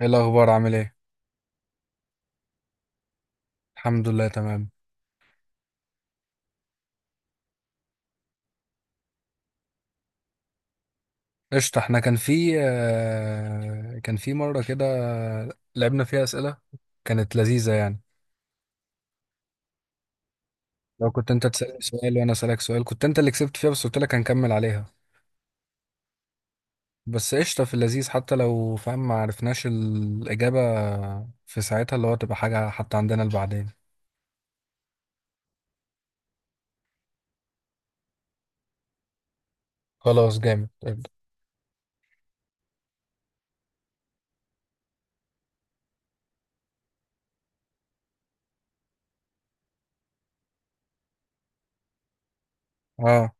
ايه الاخبار؟ عامل ايه؟ الحمد لله، تمام. قشطة. احنا كان في مرة كده، لعبنا فيها اسئلة، كانت لذيذة يعني. لو كنت انت تسألني سؤال وانا اسألك سؤال، كنت انت اللي كسبت فيها، بس قلت لك هنكمل عليها. بس قشطة، في اللذيذ حتى لو فاهم ما عرفناش الإجابة في ساعتها، اللي هو تبقى حاجة حتى عندنا لبعدين. خلاص، جامد، ابدأ. اه،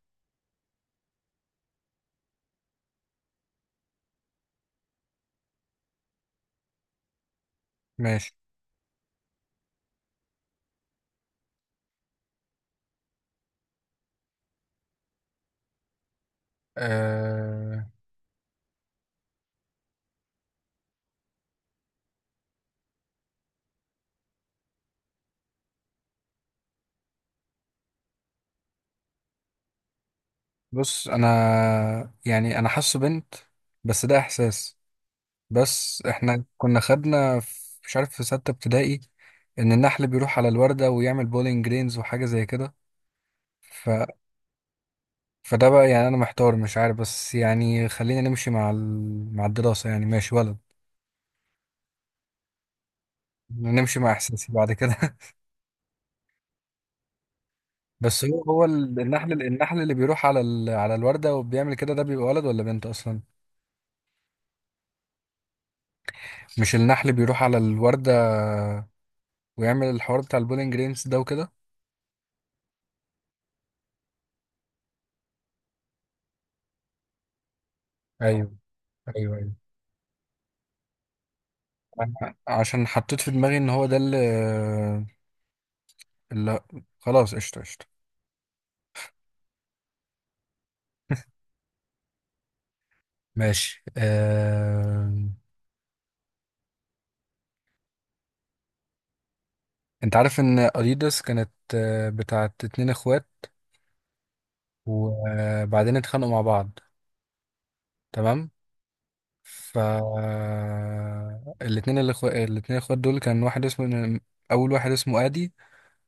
ماشي، أه. بص، انا يعني انا حاسه بنت، بس ده احساس. بس احنا كنا خدنا مش عارف، في ستة ابتدائي، ان النحل بيروح على الوردة ويعمل بولينج جرينز وحاجة زي كده. ف... فده بقى، يعني انا محتار مش عارف، بس يعني خلينا نمشي مع مع الدراسة، يعني ماشي ولد. نمشي مع احساسي بعد كده. بس هو النحل اللي بيروح على على الوردة وبيعمل كده، ده بيبقى ولد ولا بنت اصلا؟ مش النحل بيروح على الوردة ويعمل الحوار بتاع البولينج جرينز ده وكده؟ ايوه، ايوه، ايوه. عشان حطيت في دماغي ان هو ده اللي... لا، خلاص، قشطة قشطة. ماشي. انت عارف ان اديداس كانت بتاعت اتنين اخوات؟ وبعدين اتخانقوا مع بعض. تمام. ف الاتنين الاخوات دول، كان واحد اسمه، اول واحد اسمه ادي،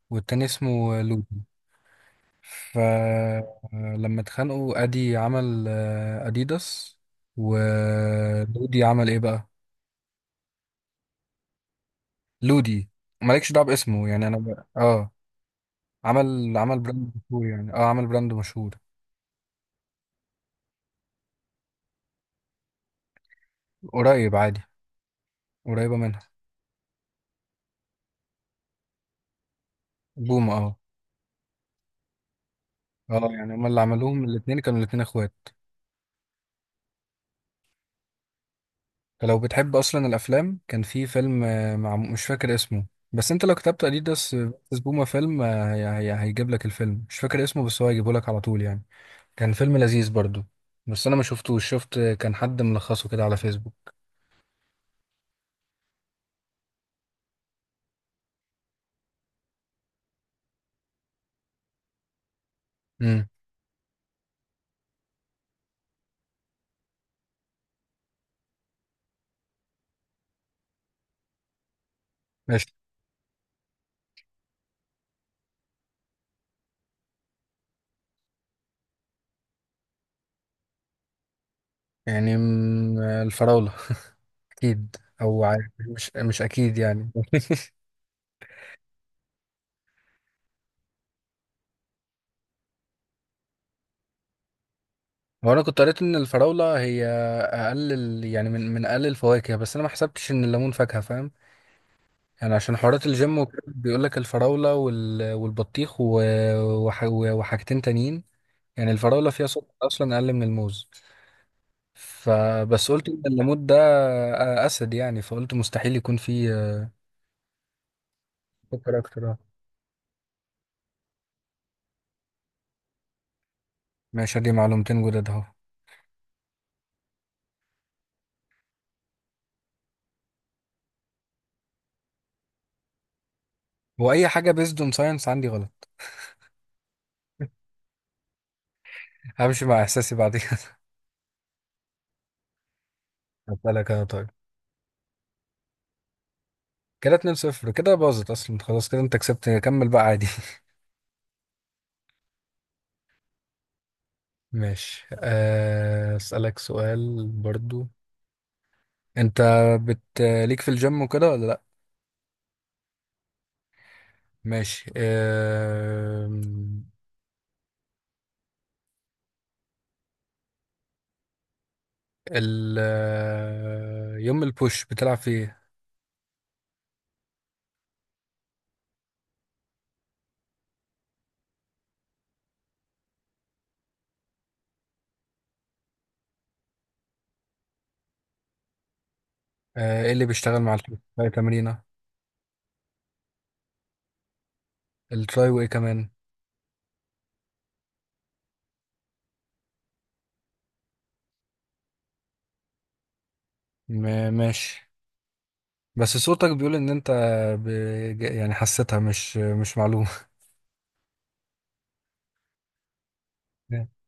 والتاني اسمه لودي. فلما اتخانقوا، ادي عمل اديداس، ولودي عمل ايه بقى؟ لودي. مالكش دعوه باسمه يعني، انا اه، عمل براند مشهور، يعني اه، عمل براند مشهور. قريب عادي، قريبة منها. بوم، اه. اه يعني هما اللي عملوهم، الاتنين كانوا الاتنين اخوات. فلو بتحب اصلا الافلام، كان في فيلم مع، مش فاكر اسمه، بس انت لو كتبت اديداس، بس بوما فيلم هي هيجيب لك الفيلم، مش فاكر اسمه بس هو هيجيبه لك على طول يعني. كان فيلم لذيذ برضو، بس انا ما شفتوش، شفت كان حد ملخصه كده على فيسبوك. امم ماشي. يعني الفراولة، اكيد. او عارف، مش اكيد يعني. هو انا كنت قريت ان الفراوله هي اقل يعني من اقل الفواكه، بس انا ما حسبتش ان الليمون فاكهه فاهم. يعني عشان حوارات الجيم وكده، بيقول لك الفراوله والبطيخ وحاجتين تانيين. يعني الفراوله فيها سكر اصلا اقل من الموز. فبس قلت ان الليمون ده اسد يعني، فقلت مستحيل يكون فيه سكر اكتر. ماشي، دي معلومتين جداد اهو. واي حاجه بيزد اون ساينس عندي غلط. همشي مع احساسي بعد كده. هسألك انا طيب. كده 2-0، كده باظت اصلا، خلاص كده انت كسبت، كمل بقى عادي. ماشي. أسألك سؤال برضو. انت بت ليك في الجيم وكده ولا لا؟ ماشي. ال آه، يوم البوش بتلعب فيه ايه؟ ايه اللي بيشتغل مع الحاجة تمرينة؟ التراي، وايه كمان؟ ماشي. بس صوتك بيقول ان انت ب... يعني حسيتها، مش معلومة.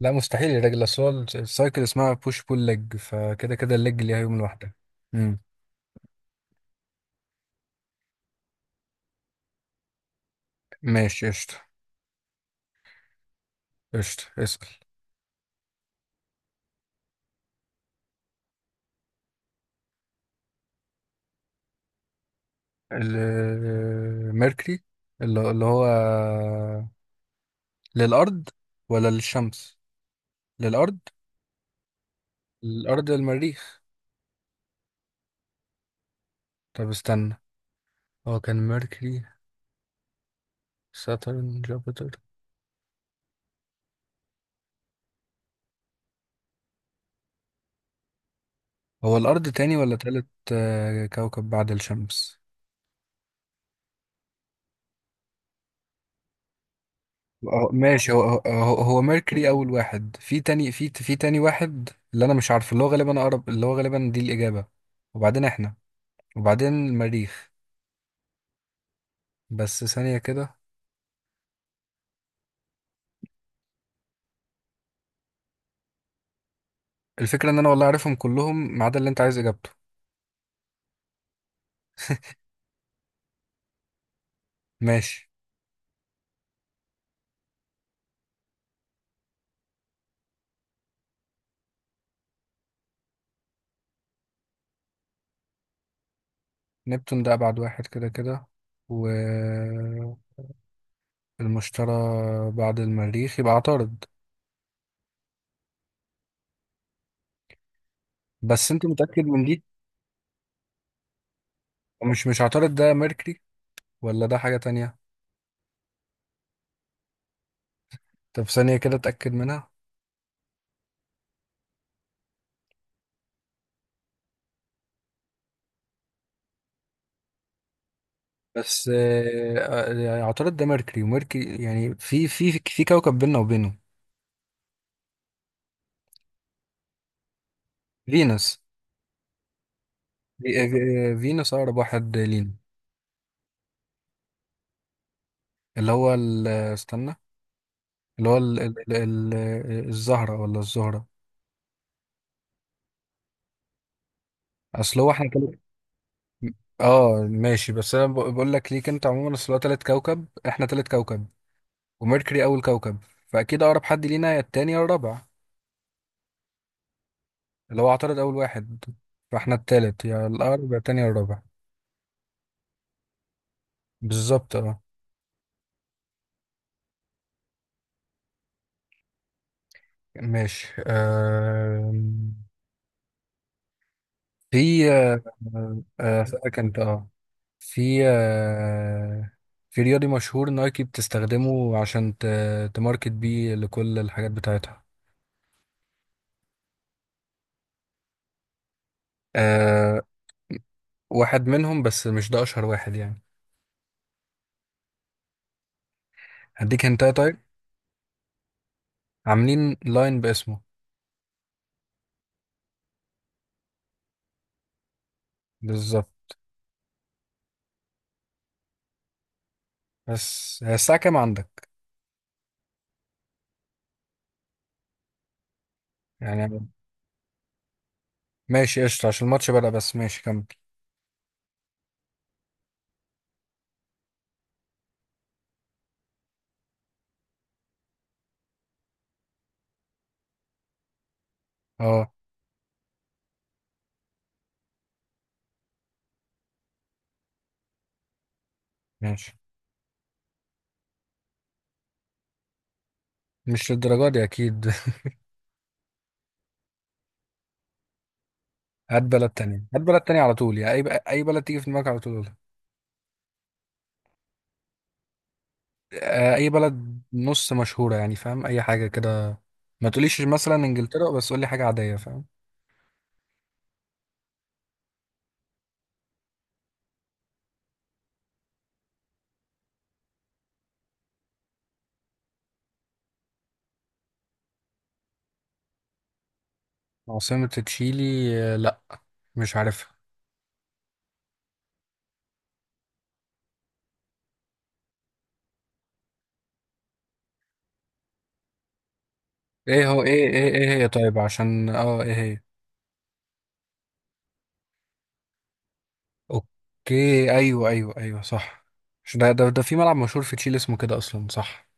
لا، مستحيل يا راجل، اصل هو السايكل اسمها بوش بول ليج، فكده كده الليج ليها يوم لوحدها. امم. ماشي، قشطة قشطة، اسأل. الميركوري. اللي هو، للأرض ولا للشمس؟ للأرض. الأرض، المريخ. طب استنى، هو كان ميركوري، ساترن، جوبيتر. هو الأرض تاني ولا تالت؟ كوكب بعد الشمس. ماشي. هو هو ميركوري اول واحد، في تاني، في تاني واحد اللي انا مش عارفه، اللي هو غالبا اقرب، اللي هو غالبا دي الاجابه. وبعدين احنا، وبعدين المريخ. بس ثانيه كده. الفكره ان انا والله عارفهم كلهم، ما عدا اللي انت عايز اجابته. ماشي. نبتون ده ابعد واحد كده كده، والمشتري بعد المريخ، يبقى عطارد. بس انت متاكد من دي؟ مش عطارد ده ميركوري؟ ولا ده حاجه تانية؟ طب ثانيه كده اتاكد منها. بس عطارد ده ميركوري، وميركوري يعني في كوكب بيننا وبينه. فينوس. في- فينوس أقرب واحد لينا. اللي هو استنى. اللي هو الزهرة ولا الزهرة؟ أصل هو احنا تلت. اه ماشي، بس أنا بقول لك ليك أنت عموما، أصل هو تلت كوكب، احنا تلت كوكب، وميركوري أول كوكب، فأكيد أقرب حد لينا يا التاني يا الرابع. اللي هو عطارد أول واحد، فاحنا التالت، يا الأقرب يا التاني يا الرابع. بالظبط، اه. ماشي. في أسألك أنت، أه. في في رياضي مشهور نايكي بتستخدمه عشان تماركت بيه لكل الحاجات بتاعتها. أه. واحد منهم بس مش ده أشهر واحد يعني، هديك هنتاية طيب. عاملين لاين باسمه. بالظبط. بس هي الساعة كام عندك؟ يعني ماشي قشطة، عشان الماتش بدأ، بس ماشي كمل. اه، ماشي. مش للدرجة دي أكيد. هات بلد تانية على طول يعني، أي بلد تيجي في دماغك على طول قولها. أي بلد نص مشهورة، يعني فاهم، أي حاجة كده. ما تقوليش مثلا إنجلترا، بس قولي حاجة عادية فاهم. عاصمة تشيلي، لأ، مش عارفها. إيه هو، إيه هي؟ طيب عشان إيه هي؟ أوكي، أيوه أيوه أيوه، صح. مش ده؟ ده في ملعب مشهور في تشيلي اسمه كده أصلا، صح؟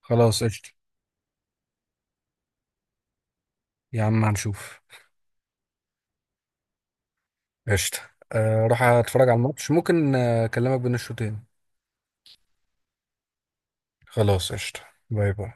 خلاص، قشطة. يا عم هنشوف. قشطة. روح أتفرج على الماتش، ممكن أكلمك بين الشوطين. خلاص، قشطة. باي باي.